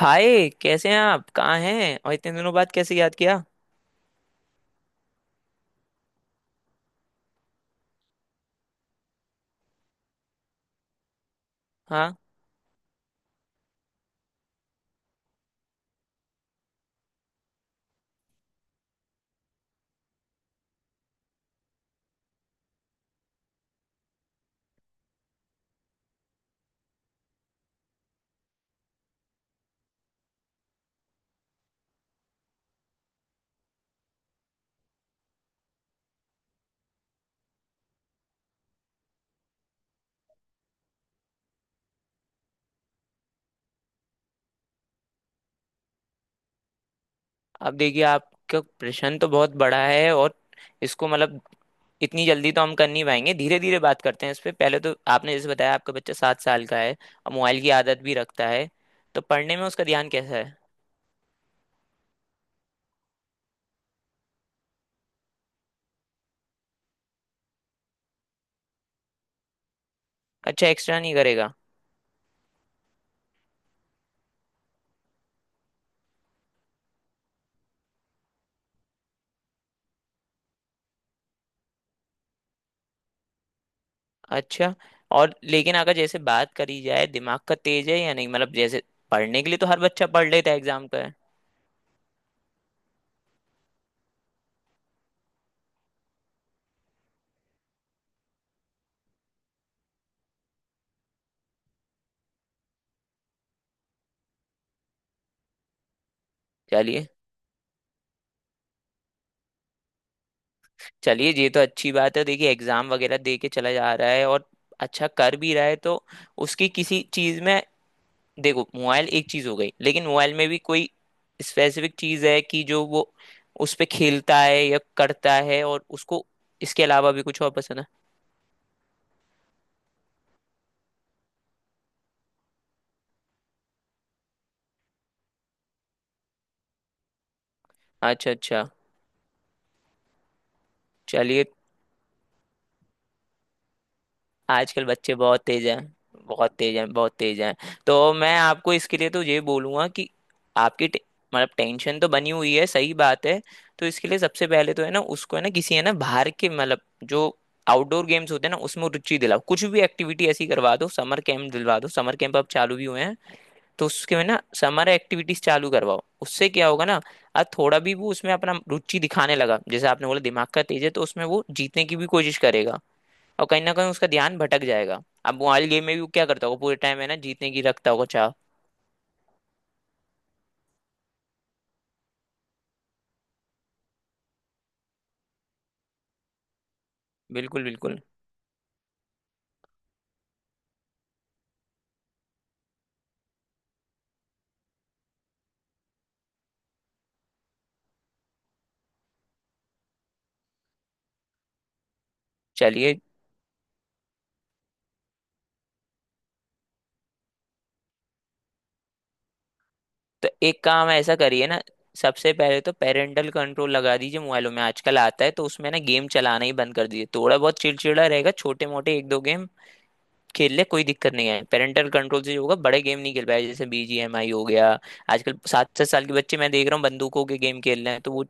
हाय कैसे हैं आप? कहाँ हैं? और इतने दिनों बाद कैसे याद किया? हाँ। अब देखिए, आपका प्रश्न तो बहुत बड़ा है, और इसको मतलब इतनी जल्दी तो हम कर नहीं पाएंगे। धीरे धीरे बात करते हैं इस पे। पहले तो आपने जैसे बताया आपका बच्चा 7 साल का है और मोबाइल की आदत भी रखता है। तो पढ़ने में उसका ध्यान कैसा है? अच्छा, एक्स्ट्रा नहीं करेगा? अच्छा। और लेकिन अगर जैसे बात करी जाए दिमाग का तेज है या नहीं, मतलब जैसे पढ़ने के लिए तो हर बच्चा पढ़ लेता है एग्जाम का। चलिए। चलिए, ये तो अच्छी बात है। देखिए, एग्जाम वगैरह दे के चला जा रहा है और अच्छा कर भी रहा है, तो उसकी किसी चीज में, देखो मोबाइल एक चीज हो गई, लेकिन मोबाइल में भी कोई स्पेसिफिक चीज है कि जो वो उस पे खेलता है या करता है, और उसको इसके अलावा भी कुछ और पसंद है? अच्छा अच्छा। चलिए। आजकल बच्चे बहुत तेज हैं। बहुत तेज हैं, बहुत तेज हैं। तो मैं आपको इसके लिए तो ये बोलूंगा कि आपकी मतलब टेंशन तो बनी हुई है, सही बात है। तो इसके लिए सबसे पहले तो है ना, उसको है ना, किसी है ना बाहर के, मतलब जो आउटडोर गेम्स होते हैं ना उसमें रुचि दिलाओ। कुछ भी एक्टिविटी ऐसी करवा दो, समर कैंप दिलवा दो। समर कैंप अब चालू भी हुए हैं। तो उसके में ना समर एक्टिविटीज चालू करवाओ। उससे क्या होगा ना, आज थोड़ा भी वो उसमें अपना रुचि दिखाने लगा, जैसे आपने बोला दिमाग का तेज है, तो उसमें वो जीतने की भी कोशिश करेगा। और कहीं ना कहीं उसका ध्यान भटक जाएगा। अब मोबाइल गेम में भी वो क्या करता होगा, पूरे टाइम है ना जीतने की रखता होगा चाह। बिल्कुल बिल्कुल। चलिए। तो एक काम ऐसा करिए ना, सबसे पहले तो पेरेंटल कंट्रोल लगा दीजिए। मोबाइलों में आजकल आता है, तो उसमें ना गेम चलाना ही बंद कर दीजिए। थोड़ा बहुत चिड़चिड़ा रहेगा, छोटे मोटे एक दो गेम खेल ले, कोई दिक्कत नहीं है। पेरेंटल कंट्रोल से जो होगा बड़े गेम नहीं खेल पाए, जैसे बीजीएमआई हो गया। आजकल सात सात साल के बच्चे मैं देख रहा हूँ बंदूकों के गेम खेल रहे हैं, तो वो...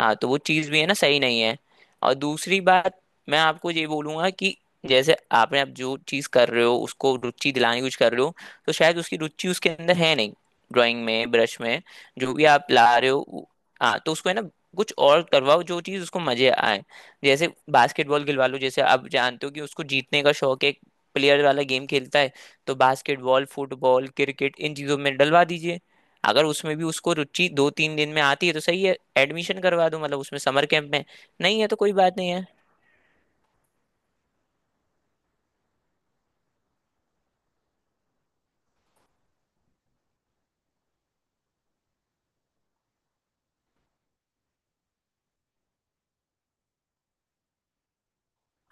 हाँ, तो वो चीज़ भी है ना सही नहीं है। और दूसरी बात, मैं आपको ये बोलूंगा कि जैसे आपने, आप जो चीज़ कर रहे हो उसको रुचि दिलाने की कुछ कर रहे हो, तो शायद उसकी रुचि उसके अंदर है नहीं, ड्राइंग में, ब्रश में, जो भी आप ला रहे हो हाँ तो उसको है ना कुछ और करवाओ जो चीज़ उसको मजे आए। जैसे बास्केटबॉल खिलवा लो, जैसे आप जानते हो कि उसको जीतने का शौक है, प्लेयर वाला गेम खेलता है, तो बास्केटबॉल फुटबॉल क्रिकेट इन चीज़ों में डलवा दीजिए। अगर उसमें भी उसको रुचि 2-3 दिन में आती है तो सही है, एडमिशन करवा दो, मतलब उसमें समर कैंप में। नहीं है तो कोई बात नहीं है।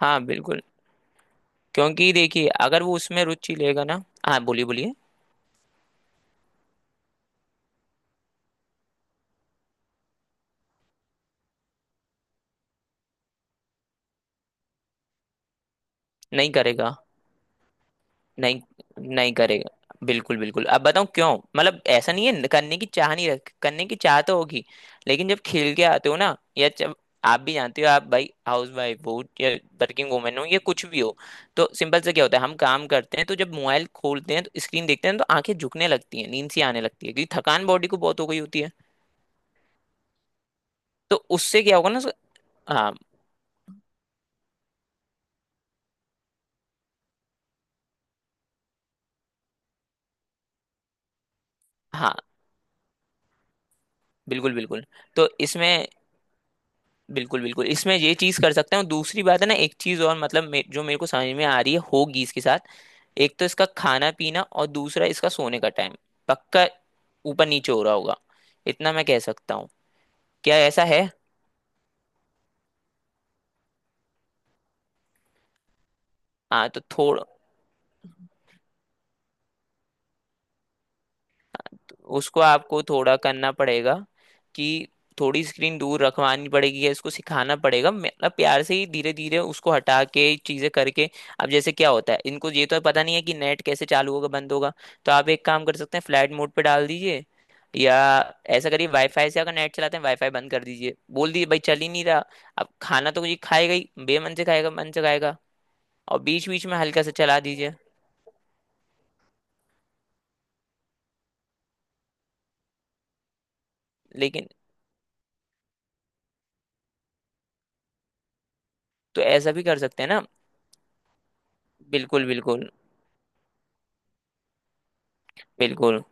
हाँ बिल्कुल। क्योंकि देखिए अगर वो उसमें रुचि लेगा ना... हाँ, बोलिए बोलिए। नहीं करेगा। नहीं। नहीं करेगा। बिल्कुल बिल्कुल। अब बताऊं क्यों, मतलब ऐसा नहीं है करने की चाह नहीं रख, करने की चाह तो होगी। लेकिन जब खेल के आते हो ना, या जब आप भी जानते हो, आप भाई हाउस वाइफ हो या वर्किंग वुमेन हो या कुछ भी हो, तो सिंपल से क्या होता है, हम काम करते हैं तो जब मोबाइल खोलते हैं तो स्क्रीन देखते हैं तो आंखें झुकने लगती हैं, नींद सी आने लगती है, क्योंकि थकान बॉडी को बहुत हो गई होती है। तो उससे क्या होगा ना हाँ हाँ। बिल्कुल बिल्कुल। तो इसमें, बिल्कुल बिल्कुल, इसमें ये चीज कर सकते हैं। और दूसरी बात है ना, एक चीज और, मतलब जो मेरे को समझ में आ रही है होगी इसके साथ। एक तो इसका खाना पीना, और दूसरा इसका सोने का टाइम पक्का ऊपर नीचे हो रहा होगा, इतना मैं कह सकता हूँ। क्या ऐसा है? हाँ, तो थोड़ा उसको आपको थोड़ा करना पड़ेगा कि थोड़ी स्क्रीन दूर रखवानी पड़ेगी, या इसको सिखाना पड़ेगा, मतलब प्यार से ही धीरे धीरे उसको हटा के चीजें करके। अब जैसे क्या होता है, इनको ये तो पता नहीं है कि नेट कैसे चालू होगा बंद होगा, तो आप एक काम कर सकते हैं, फ्लाइट मोड पे डाल दीजिए। या ऐसा करिए, वाईफाई से अगर नेट चलाते हैं वाईफाई बंद कर दीजिए, बोल दीजिए भाई चल ही नहीं रहा। अब खाना तो ये खाएगा ही, बेमन से खाएगा मन से खाएगा। और बीच बीच में हल्का सा चला दीजिए। लेकिन, तो ऐसा भी कर सकते हैं ना। बिल्कुल। बिल्कुल बिल्कुल।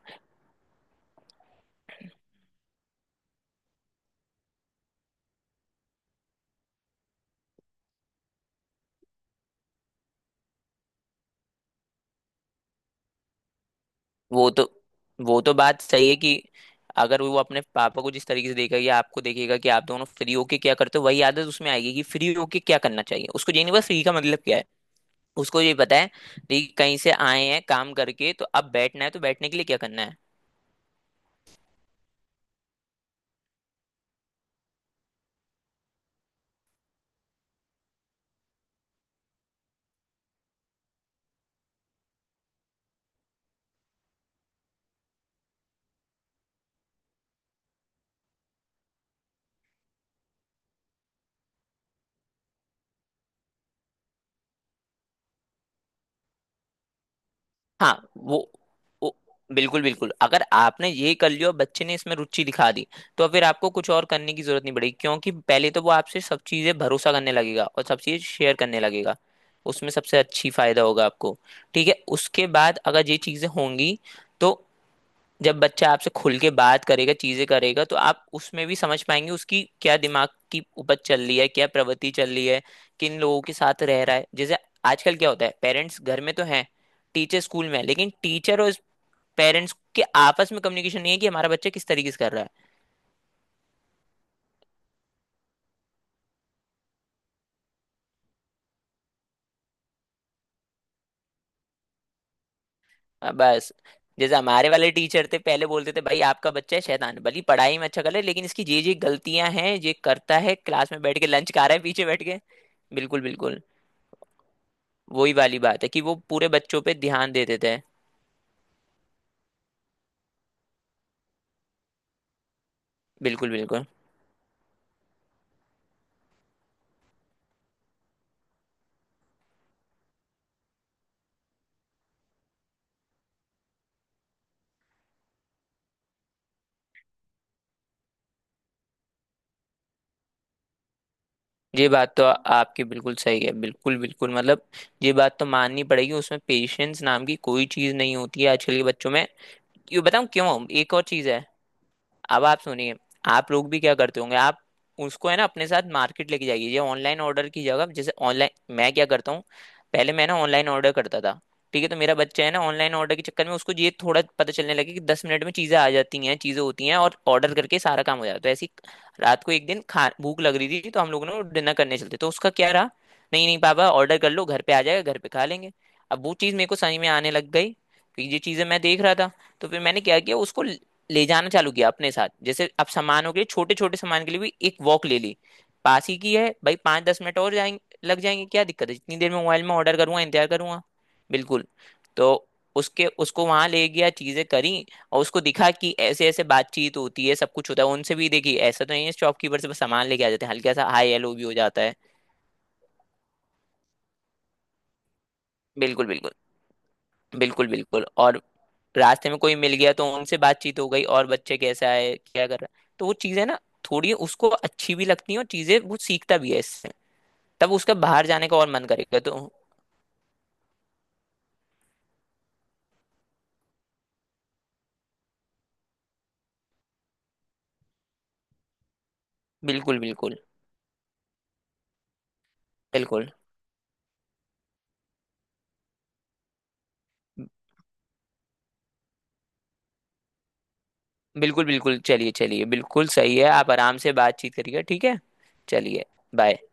वो तो वो तो बात सही है कि अगर वो अपने पापा को जिस तरीके से देखेगा या आपको देखेगा कि आप दोनों फ्री होके क्या करते हो, वही आदत उसमें आएगी कि फ्री होके क्या करना चाहिए। उसको ये नहीं पता फ्री का मतलब क्या है। उसको ये पता है कि कहीं से आए हैं काम करके, तो अब बैठना है तो बैठने के लिए क्या करना है। हाँ। वो बिल्कुल बिल्कुल। अगर आपने ये कर लिया और बच्चे ने इसमें रुचि दिखा दी, तो फिर आपको कुछ और करने की जरूरत नहीं पड़ेगी। क्योंकि पहले तो वो आपसे सब चीजें भरोसा करने लगेगा और सब चीजें शेयर करने लगेगा। उसमें सबसे अच्छी फायदा होगा आपको। ठीक है। उसके बाद अगर ये चीजें होंगी, तो जब बच्चा आपसे खुल के बात करेगा चीजें करेगा, तो आप उसमें भी समझ पाएंगे उसकी क्या दिमाग की उपज चल रही है, क्या प्रवृत्ति चल रही है, किन लोगों के साथ रह रहा है। जैसे आजकल क्या होता है, पेरेंट्स घर में तो हैं, टीचर स्कूल में है, लेकिन टीचर और पेरेंट्स के आपस में कम्युनिकेशन नहीं है कि हमारा बच्चा किस तरीके से कर रहा है। बस जैसे हमारे वाले टीचर थे पहले, बोलते थे भाई आपका बच्चा है शैतान भली, पढ़ाई में अच्छा कर ले लेकिन इसकी ये गलतियां हैं, ये करता है क्लास में बैठ के लंच खा रहा है पीछे बैठ के। बिल्कुल बिल्कुल। वही वाली बात है कि वो पूरे बच्चों पे ध्यान देते थे। बिल्कुल बिल्कुल। ये बात तो आपकी बिल्कुल सही है। बिल्कुल बिल्कुल, मतलब ये बात तो माननी पड़ेगी, उसमें पेशेंस नाम की कोई चीज नहीं होती है आजकल के बच्चों में। ये बताऊं क्यों, एक और चीज है। अब आप सुनिए, आप लोग भी क्या करते होंगे, आप उसको है ना अपने साथ मार्केट लेके जाइए, ये ऑनलाइन ऑर्डर की जगह, जैसे ऑनलाइन... मैं क्या करता हूँ, पहले मैं ना ऑनलाइन ऑर्डर करता था, ठीक है, तो मेरा बच्चा है ना ऑनलाइन ऑर्डर के चक्कर में उसको ये थोड़ा पता चलने लगे कि 10 मिनट में चीज़ें आ जाती हैं, चीज़ें होती हैं और ऑर्डर करके सारा काम हो जाता है ऐसी। रात को एक दिन खा भूख लग रही थी, तो हम लोगों ने डिनर करने चलते तो उसका क्या रहा, नहीं नहीं पापा ऑर्डर कर लो घर पे आ जाएगा घर पे खा लेंगे। अब वो चीज़ मेरे को समझ में आने लग गई कि ये चीज़ें मैं देख रहा था। तो फिर मैंने क्या किया, उसको ले जाना चालू किया अपने साथ, जैसे अब सामानों के लिए, छोटे छोटे सामान के लिए भी एक वॉक ले ली। पास ही की है भाई, 5-10 मिनट और जाएंगे, लग जाएंगे, क्या दिक्कत है, जितनी देर में मोबाइल में ऑर्डर करूंगा इंतजार करूंगा। बिल्कुल। तो उसके उसको वहां ले गया, चीजें करी और उसको दिखा कि ऐसे ऐसे बातचीत होती है, सब कुछ होता है, उनसे भी देखी, ऐसा तो नहीं है, शॉपकीपर से बस सामान लेके आ जाते हैं, हल्का सा हाय हेलो भी हो जाता है। बिल्कुल बिल्कुल। बिल्कुल बिल्कुल। और रास्ते में कोई मिल गया तो उनसे बातचीत हो गई, और बच्चे कैसा है क्या कर रहा है, तो वो चीजें ना थोड़ी उसको अच्छी भी लगती हैं, और चीजें वो सीखता भी है इससे, तब उसका बाहर जाने का और मन करेगा तो। बिल्कुल बिल्कुल। बिल्कुल बिल्कुल। बिल्कुल चलिए चलिए बिल्कुल सही है, आप आराम से बातचीत करिएगा, ठीक है। चलिए। बाय।